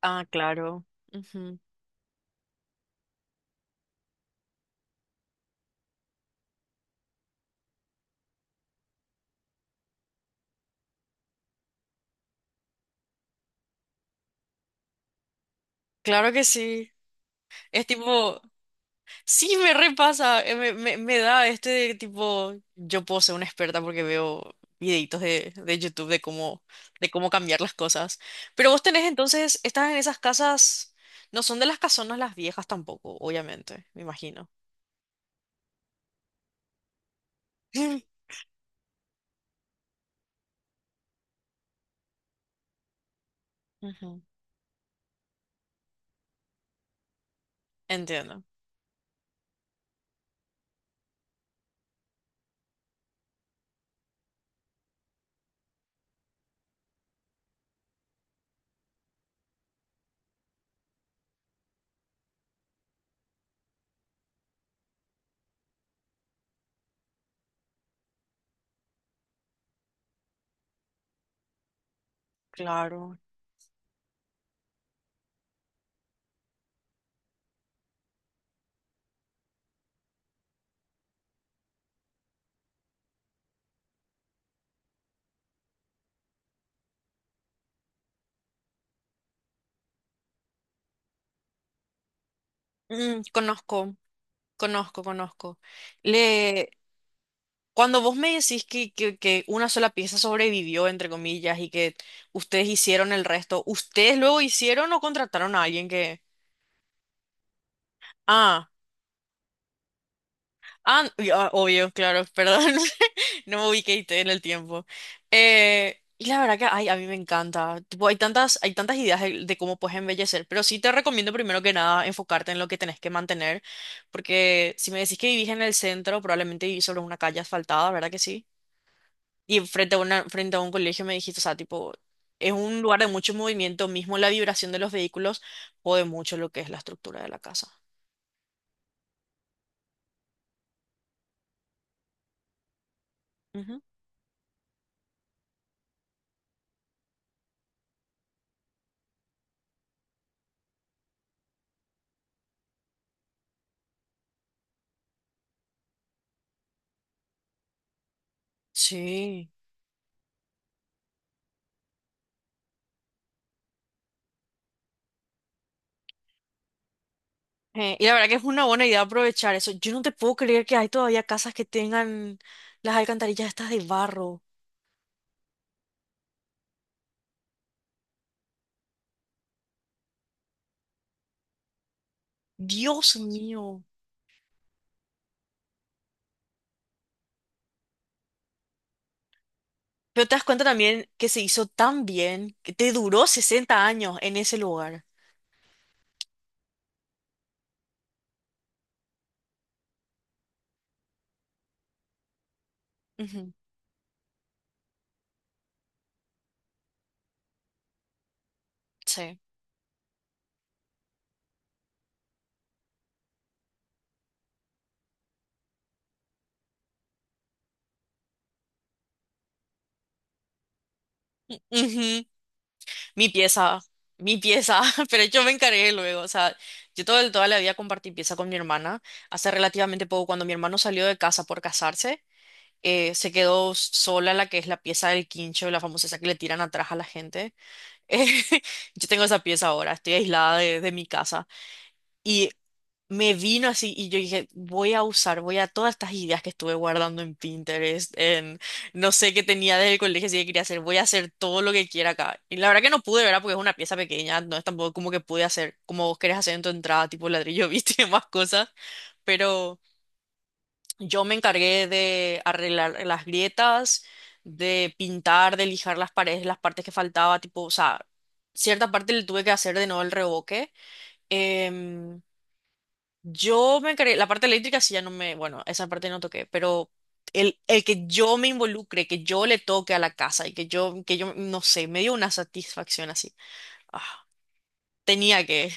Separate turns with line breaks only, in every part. Ah, claro. Ujú. Claro que sí. Es tipo, sí, me repasa, me da de tipo, yo puedo ser una experta porque veo videitos de YouTube de cómo cambiar las cosas. Pero vos tenés entonces, estás en esas casas, no son de las casonas las viejas tampoco, obviamente, me imagino. Mm. Ujú. Entiendo. Claro. Mm, conozco, conozco, conozco. Le, cuando vos me decís que una sola pieza sobrevivió, entre comillas, y que ustedes hicieron el resto, ¿ustedes luego hicieron o contrataron a alguien que...? Ah, ah, y- ah, obvio, claro, perdón, no me ubiqué en el tiempo. Y la verdad que, ay, a mí me encanta. Tipo, hay tantas ideas de cómo puedes embellecer, pero sí te recomiendo primero que nada enfocarte en lo que tenés que mantener, porque si me decís que vivís en el centro, probablemente vivís sobre una calle asfaltada, ¿verdad que sí? Y frente a una, frente a un colegio me dijiste, o sea, tipo, es un lugar de mucho movimiento, mismo la vibración de los vehículos jode mucho lo que es la estructura de la casa. Ujú. Sí. Y la verdad que es una buena idea aprovechar eso. Yo no te puedo creer que hay todavía casas que tengan las alcantarillas estas de barro. Dios mío. Pero te das cuenta también que se hizo tan bien que te duró 60 años en ese lugar. Ujú. Sí. Ujú, mi pieza, mi pieza, pero yo me encargué luego, o sea, yo todo, el- toda la vida compartí pieza con mi hermana, hace relativamente poco, cuando mi hermano salió de casa por casarse, se quedó sola la que es la pieza del quincho, la famosa esa que le tiran atrás a la gente. Eh, yo tengo esa pieza ahora, estoy aislada de mi casa. Y me vino así y yo dije, voy a usar, voy a todas estas ideas que estuve guardando en Pinterest, en no sé qué tenía desde el colegio, si que quería hacer, voy a hacer todo lo que quiera acá. Y la verdad que no pude, ¿verdad? Porque es una pieza pequeña, no es tampoco como que pude hacer como vos querés hacer en tu entrada, tipo ladrillo, viste, y demás cosas. Pero yo me encargué de arreglar las grietas, de pintar, de lijar las paredes, las partes que faltaba, tipo, o sea, cierta parte le tuve que hacer de nuevo el revoque. em, yo me encargué, la parte eléctrica sí ya no me, bueno, esa parte no toqué, pero el que yo me involucre, que yo le toque a la casa y no sé, me dio una satisfacción así. Ah, tenía que.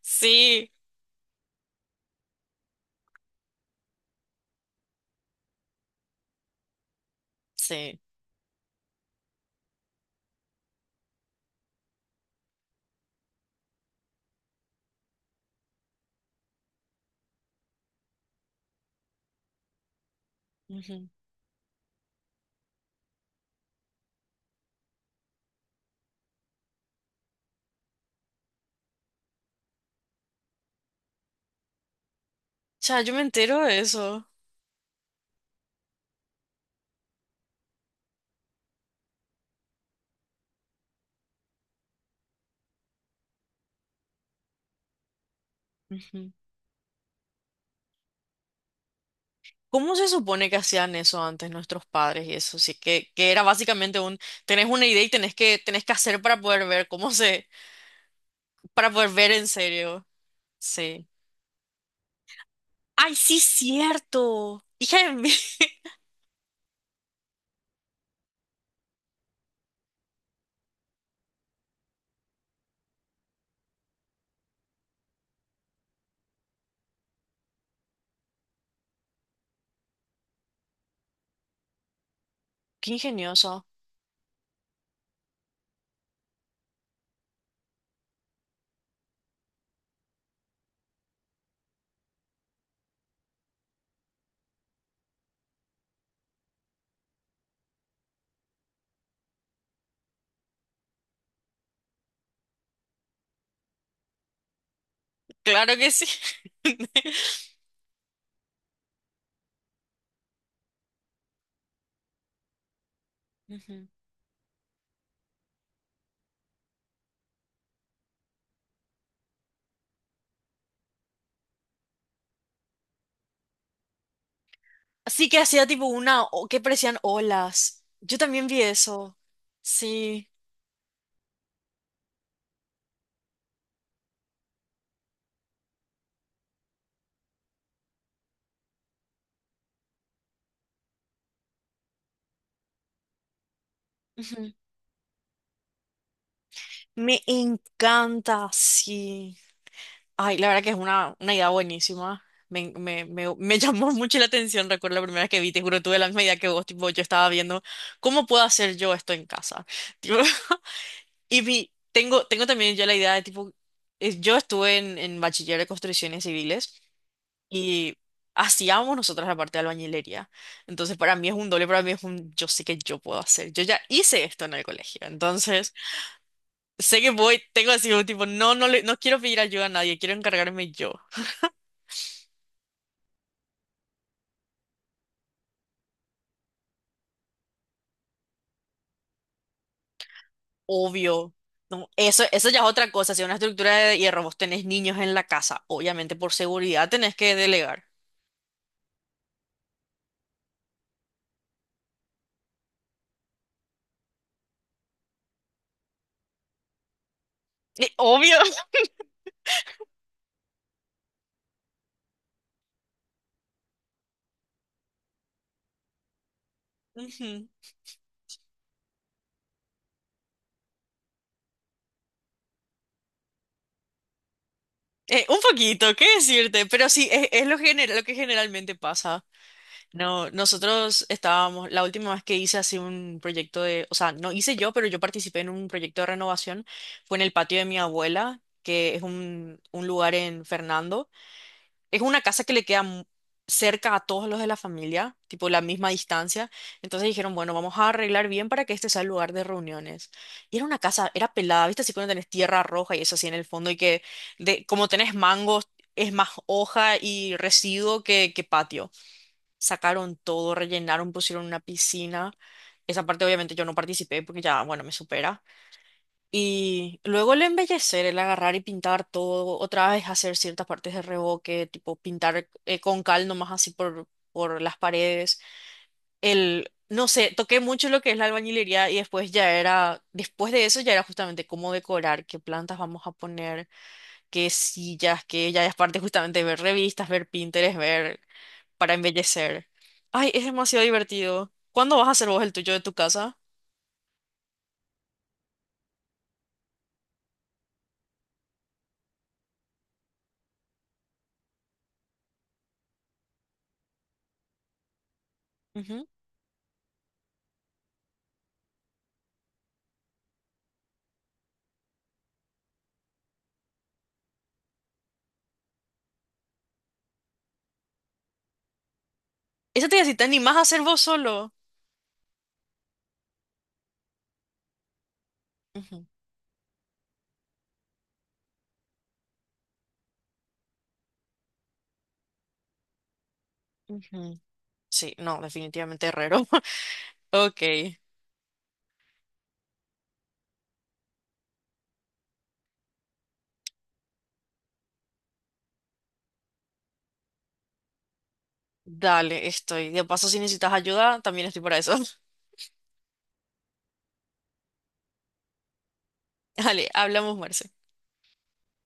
Sí, sí. Ujú. Cha, yo me entero de eso. Ujú. ¿Cómo se supone que hacían eso antes nuestros padres y eso? Sí, que era básicamente un, tenés una idea y tenés que hacer para poder ver cómo se, para poder ver en serio. Sí. Ay, sí, cierto. Hija de mí. Qué ingenioso. Claro que sí. Ujú. Sí que hacía tipo una, o- que parecían olas. Yo también vi eso. Sí. Ujú. Me encanta, sí. Ay, la verdad que es una idea buenísima. Me llamó mucho la atención, recuerdo la primera vez que vi, te juro, tuve la misma idea que vos, tipo, yo estaba viendo, ¿cómo puedo hacer yo esto en casa? Tipo, y vi, tengo también yo la idea de, tipo, es- yo estuve en bachiller de construcciones civiles. Y hacíamos nosotras la parte de albañilería. Entonces, para mí es un doble, para mí es un yo sé que yo puedo hacer. Yo ya hice esto en el colegio. Entonces, sé que voy, tengo así un tipo, no, no quiero pedir ayuda a nadie, quiero encargarme yo. Obvio. No, eso ya es otra cosa. Si una estructura de hierro vos tenés niños en la casa, obviamente por seguridad tenés que delegar. Obvio. Ujú. Un poquito, ¿qué decirte? Pero sí, es lo, gener- lo que generalmente pasa. No, nosotros estábamos, la última vez que hice así un proyecto de, o sea, no hice yo, pero yo participé en un proyecto de renovación, fue en el patio de mi abuela, que es un lugar en Fernando. Es una casa que le queda mu- cerca a todos los de la familia, tipo la misma distancia. Entonces dijeron, bueno, vamos a arreglar bien para que este sea el lugar de reuniones. Y era una casa, era pelada, ¿viste? Así cuando tenés tierra roja y eso así en el fondo y que de, como tenés mangos, es más hoja y residuo que patio sacaron todo, rellenaron, pusieron una piscina. Esa parte obviamente yo no participé porque ya, bueno, me supera. Y luego el embellecer, el agarrar y pintar todo, otra vez hacer ciertas partes de revoque, tipo pintar con cal nomás así por las paredes. El, no sé, toqué mucho lo que es la albañilería y después ya era, después de eso ya era justamente cómo decorar, qué plantas vamos a poner, qué sillas, qué ya es parte justamente de ver revistas, ver Pinterest, ver para embellecer. Ay, es demasiado divertido. ¿Cuándo vas a hacer vos el tuyo de tu casa? Ujú. Eso te dice, si te animás a hacer vos solo. Ujú, ujú. Sí, no, definitivamente herrero. Ok, dale, estoy. De paso, si necesitas ayuda, también estoy para eso. Dale, hablamos, Marce.